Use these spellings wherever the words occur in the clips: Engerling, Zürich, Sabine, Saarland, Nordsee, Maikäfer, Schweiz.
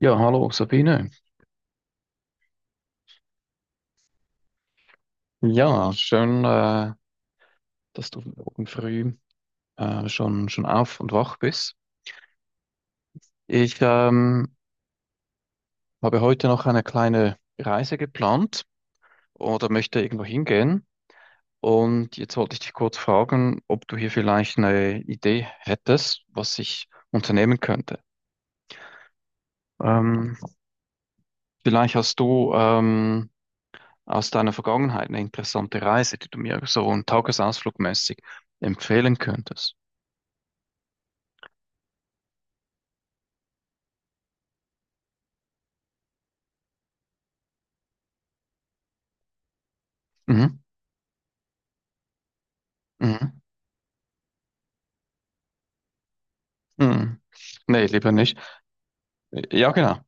Ja, hallo Sabine. Ja, schön, dass du morgen früh schon auf und wach bist. Ich habe heute noch eine kleine Reise geplant oder möchte irgendwo hingehen. Und jetzt wollte ich dich kurz fragen, ob du hier vielleicht eine Idee hättest, was ich unternehmen könnte. Ähm, Vielleicht hast du aus deiner Vergangenheit eine interessante Reise, die du mir so einen Tagesausflug mäßig empfehlen könntest. Mhm. Mhm. Hm. Nee, lieber nicht. Ja, genau.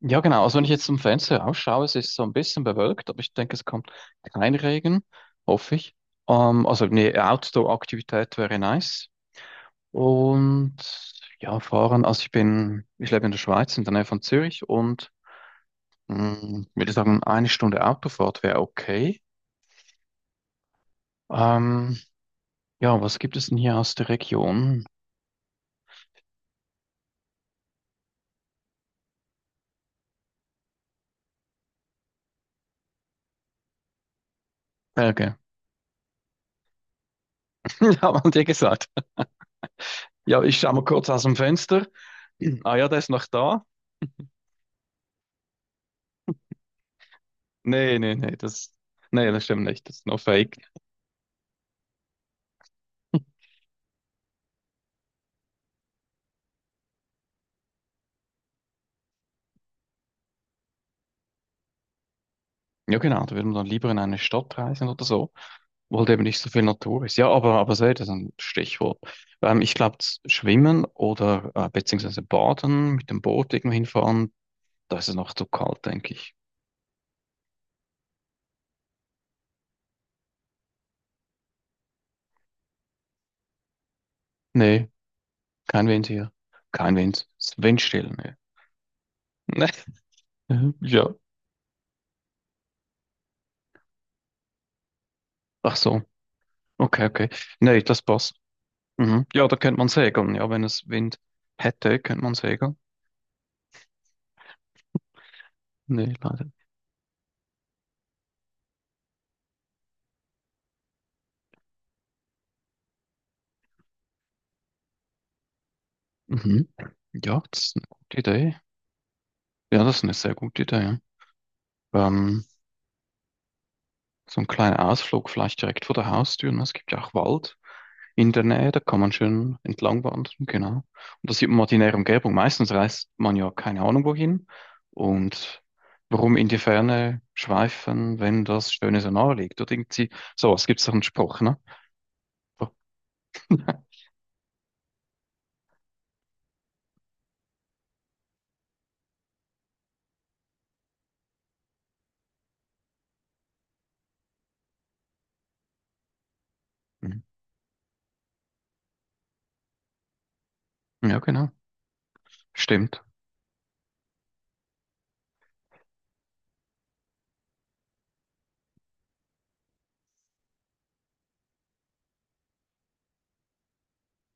Ja, genau. Also wenn ich jetzt zum Fenster rausschaue, es ist so ein bisschen bewölkt, aber ich denke, es kommt kein Regen, hoffe ich. Also eine Outdoor-Aktivität wäre nice. Und ja, fahren. Also ich lebe in der Schweiz, in der Nähe von Zürich und würde sagen, 1 Stunde Autofahrt wäre okay. Ähm, ja, was gibt es denn hier aus der Region? Berge. Ja, haben wir dir gesagt. Ja, ich schaue mal kurz aus dem Fenster. Ah ja, der ist noch da. Nee, nee, nee, nee, das stimmt nicht. Das ist nur Fake. Ja, genau, da würden wir dann lieber in eine Stadt reisen oder so, wo halt eben nicht so viel Natur ist. Ja, aber so, das ist ein Stichwort. Ich glaube, Schwimmen oder beziehungsweise Baden mit dem Boot irgendwo hinfahren, da ist es noch zu kalt, denke ich. Nee, kein Wind hier. Kein Wind. Es ist windstill, ne? Nee. Nee. Ja. Ach so. Okay, okay. Nee, das passt. Mhm. Ja, da könnte man segeln. Ja, wenn es Wind hätte, könnte man segeln. Nee, leider. Mhm. Ja, das ist eine gute Idee. Ja, das ist eine sehr gute Idee. Ja. Ähm, so ein kleiner Ausflug vielleicht direkt vor der Haustür. Ne? Es gibt ja auch Wald in der Nähe, da kann man schön entlang wandern, genau. Und da sieht man mal die nähere Umgebung. Meistens reist man ja keine Ahnung wohin. Und warum in die Ferne schweifen, wenn das Schöne so nahe liegt? Oder irgendwie, so, es gibt so einen Spruch, ne? So, mhm. Ja, genau. Stimmt.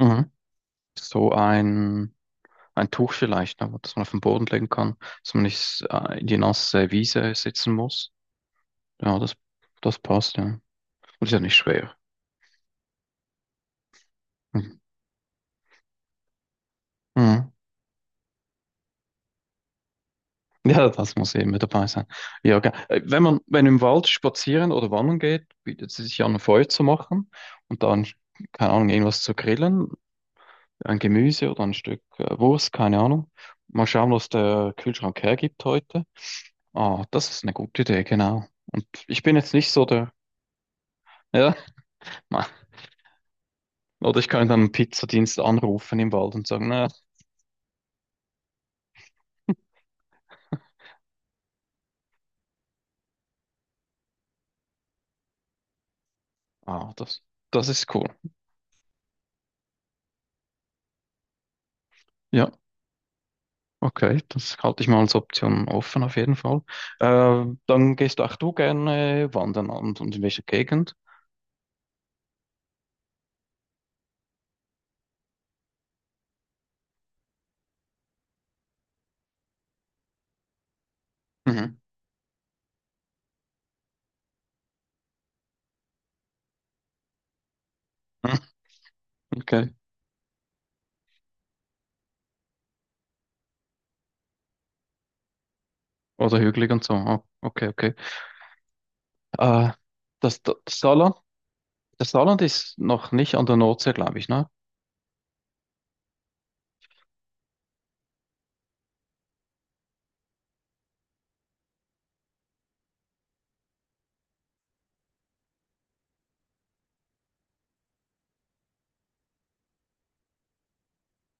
Mhm. So ein Ein Tuch vielleicht, aber dass man auf den Boden legen kann, dass man nicht in die nasse Wiese sitzen muss. Ja, das passt, ja. Und ist ja nicht schwer. Mhm. Mhm. Ja, das muss eben mit dabei sein. Ja, wenn im Wald spazieren oder wandern geht, bietet es sich ja an, ein Feuer zu machen und dann, keine Ahnung, irgendwas zu grillen, ein Gemüse oder ein Stück Wurst, keine Ahnung. Mal schauen, was der Kühlschrank hergibt heute. Ah, das ist eine gute Idee, genau. Und ich bin jetzt nicht so der, ja. Oder ich kann dann einen Pizzadienst anrufen im Wald und sagen, na, ah, das, das ist cool. Ja, okay, das halte ich mal als Option offen auf jeden Fall. Dann gehst auch du gerne wandern und, in welcher Gegend? Mhm. Hm, okay. Oder hügelig und so. Ah, okay, okay. Äh, das, das Saarland, das Saarland ist noch nicht an der Nordsee, glaube ich, ne?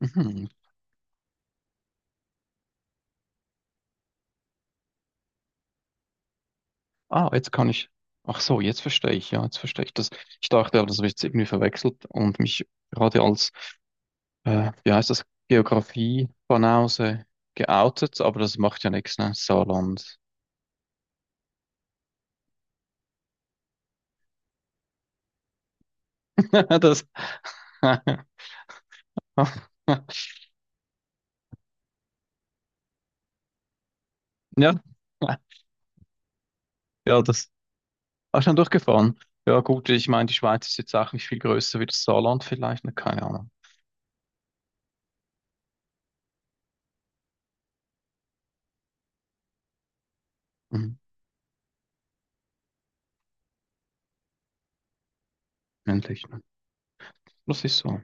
Mhm. Ah, jetzt kann ich. Ach so, jetzt verstehe ich, ja, jetzt verstehe ich das. Ich dachte, aber das habe ich jetzt irgendwie verwechselt und mich gerade als wie heißt das, Geografie von Hause geoutet, aber das macht ja nichts, ne? Saarland. Das, ja, ja, das hast du schon durchgefahren. Ja, gut, ich meine, die Schweiz ist jetzt auch nicht viel größer wie das Saarland vielleicht, ne? Keine Ahnung. Mhm. Endlich, ne? Das ist so.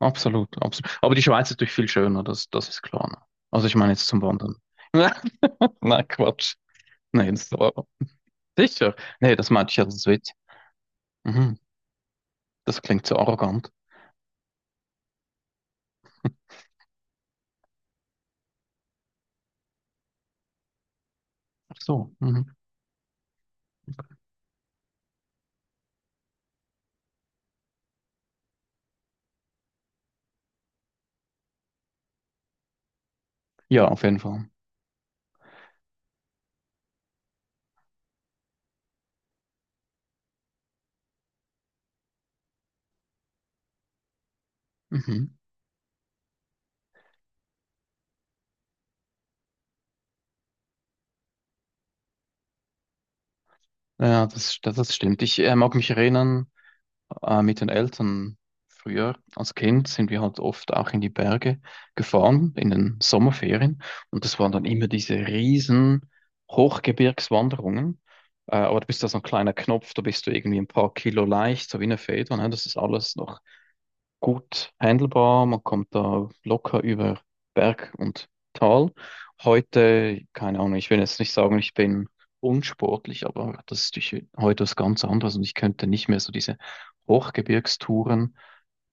Absolut, absolut. Aber die Schweiz ist natürlich viel schöner, das ist klar. Ne? Also ich meine jetzt zum Wandern. Nein, Quatsch. Nee, das war sicher. Nee, das meinte ich ja, das ist Witz. Mhm. Das klingt so arrogant. Ach so. Mhm. Ja, auf jeden Fall. Mhm. Ja, das stimmt. Ich mag mich erinnern, mit den Eltern früher als Kind sind wir halt oft auch in die Berge gefahren, in den Sommerferien. Und das waren dann immer diese riesen Hochgebirgswanderungen. Aber du bist da so ein kleiner Knopf, da bist du irgendwie ein paar Kilo leicht, so wie eine Feder. Ne? Das ist alles noch gut handelbar. Man kommt da locker über Berg und Tal. Heute, keine Ahnung, ich will jetzt nicht sagen, ich bin unsportlich, aber das ist durch- heute was ganz anderes und ich könnte nicht mehr so diese Hochgebirgstouren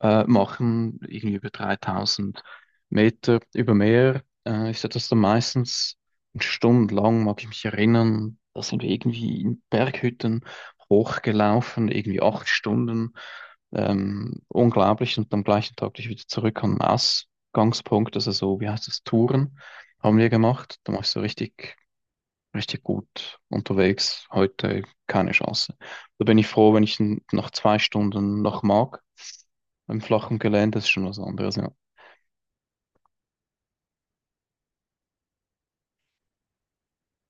machen, irgendwie über 3000 Meter über Meer. Ich hatte das dann meistens stundenlang, mag ich mich erinnern, da sind wir irgendwie in Berghütten hochgelaufen, irgendwie 8 Stunden. Unglaublich. Und am gleichen Tag bin ich wieder zurück am Ausgangspunkt, also so, wie heißt das, Touren haben wir gemacht. Da war ich so richtig, richtig gut unterwegs. Heute keine Chance. Da bin ich froh, wenn ich nach 2 Stunden noch mag. Im flachen Gelände ist schon was anderes, ja.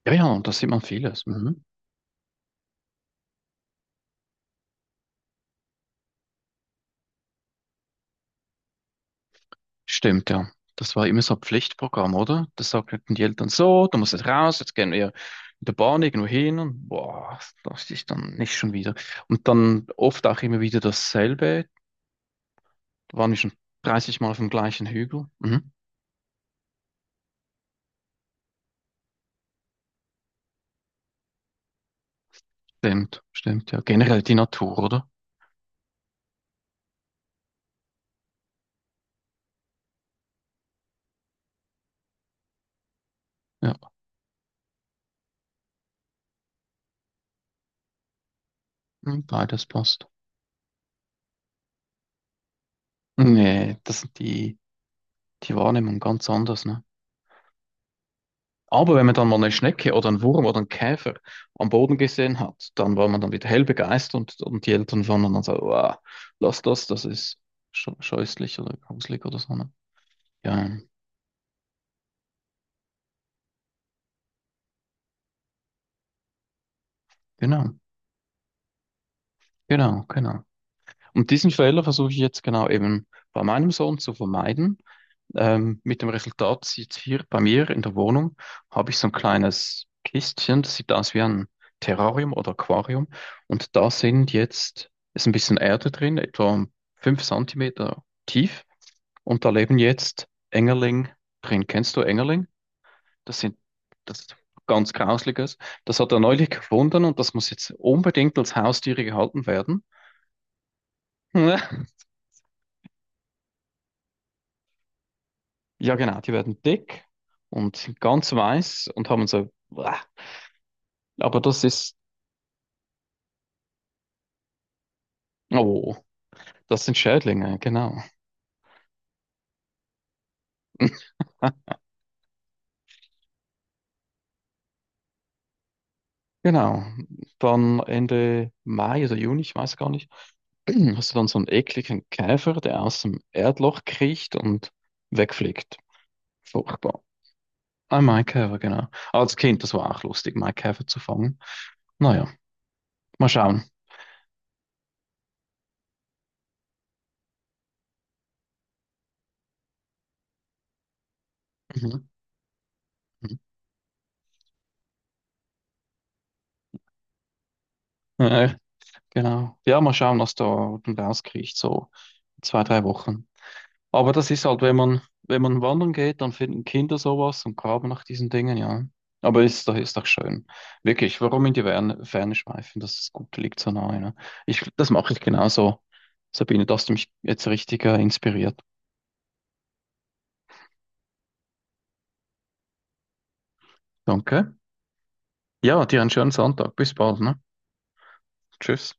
Ja, ja, und da sieht man vieles. Mhm. Stimmt, ja. Das war immer so ein Pflichtprogramm, oder? Das sagten die Eltern so, du musst jetzt raus, jetzt gehen wir mit der Bahn irgendwo hin und boah, das ist dann nicht schon wieder. Und dann oft auch immer wieder dasselbe, da waren wir schon 30 Mal auf dem gleichen Hügel. Mhm. Stimmt, stimmt, ja. Generell die Natur, oder? Ja, mhm, beides passt. Nee, das sind die, Die Wahrnehmung ganz anders, ne? Aber wenn man dann mal eine Schnecke oder einen Wurm oder einen Käfer am Boden gesehen hat, dann war man dann wieder hell begeistert und die Eltern waren dann so, wow, lass das, das ist scheußlich oder gruselig oder so. Ne? Ja, genau, genau, genau. Und diesen Fehler versuche ich jetzt genau eben bei meinem Sohn zu vermeiden. Mit dem Resultat sieht hier bei mir in der Wohnung, habe ich so ein kleines Kistchen, das sieht aus wie ein Terrarium oder Aquarium. Und da sind jetzt, ist ein bisschen Erde drin, etwa 5 Zentimeter tief. Und da leben jetzt Engerling drin. Kennst du Engerling? Das sind, Das ist ganz Grausliches. Das hat er neulich gefunden und das muss jetzt unbedingt als Haustiere gehalten werden. Ja, genau, die werden dick und sind ganz weiß und haben so äh, Aber das ist, oh, das sind Schädlinge, genau. Genau. Dann Ende Mai oder Juni, ich weiß gar nicht, hast du dann so einen ekligen Käfer, der aus dem Erdloch kriecht und wegfliegt. Furchtbar. Ein Maikäfer, genau. Als Kind, das war auch lustig, Maikäfer zu fangen. Naja, mal schauen. Mhm. Mhm. Äh, genau. Ja, mal schauen, was da unten rauskriecht so in zwei, drei Wochen. Aber das ist halt, wenn man wandern geht, dann finden Kinder sowas und graben nach diesen Dingen, ja. Aber ist doch schön. Wirklich, warum in die Ferne, Ferne schweifen? Das ist gut, liegt so nahe, ne? Ich, das mache ich genauso. Sabine, da hast du mich jetzt richtig, inspiriert. Danke. Ja, dir einen schönen Sonntag. Bis bald, ne? Tschüss.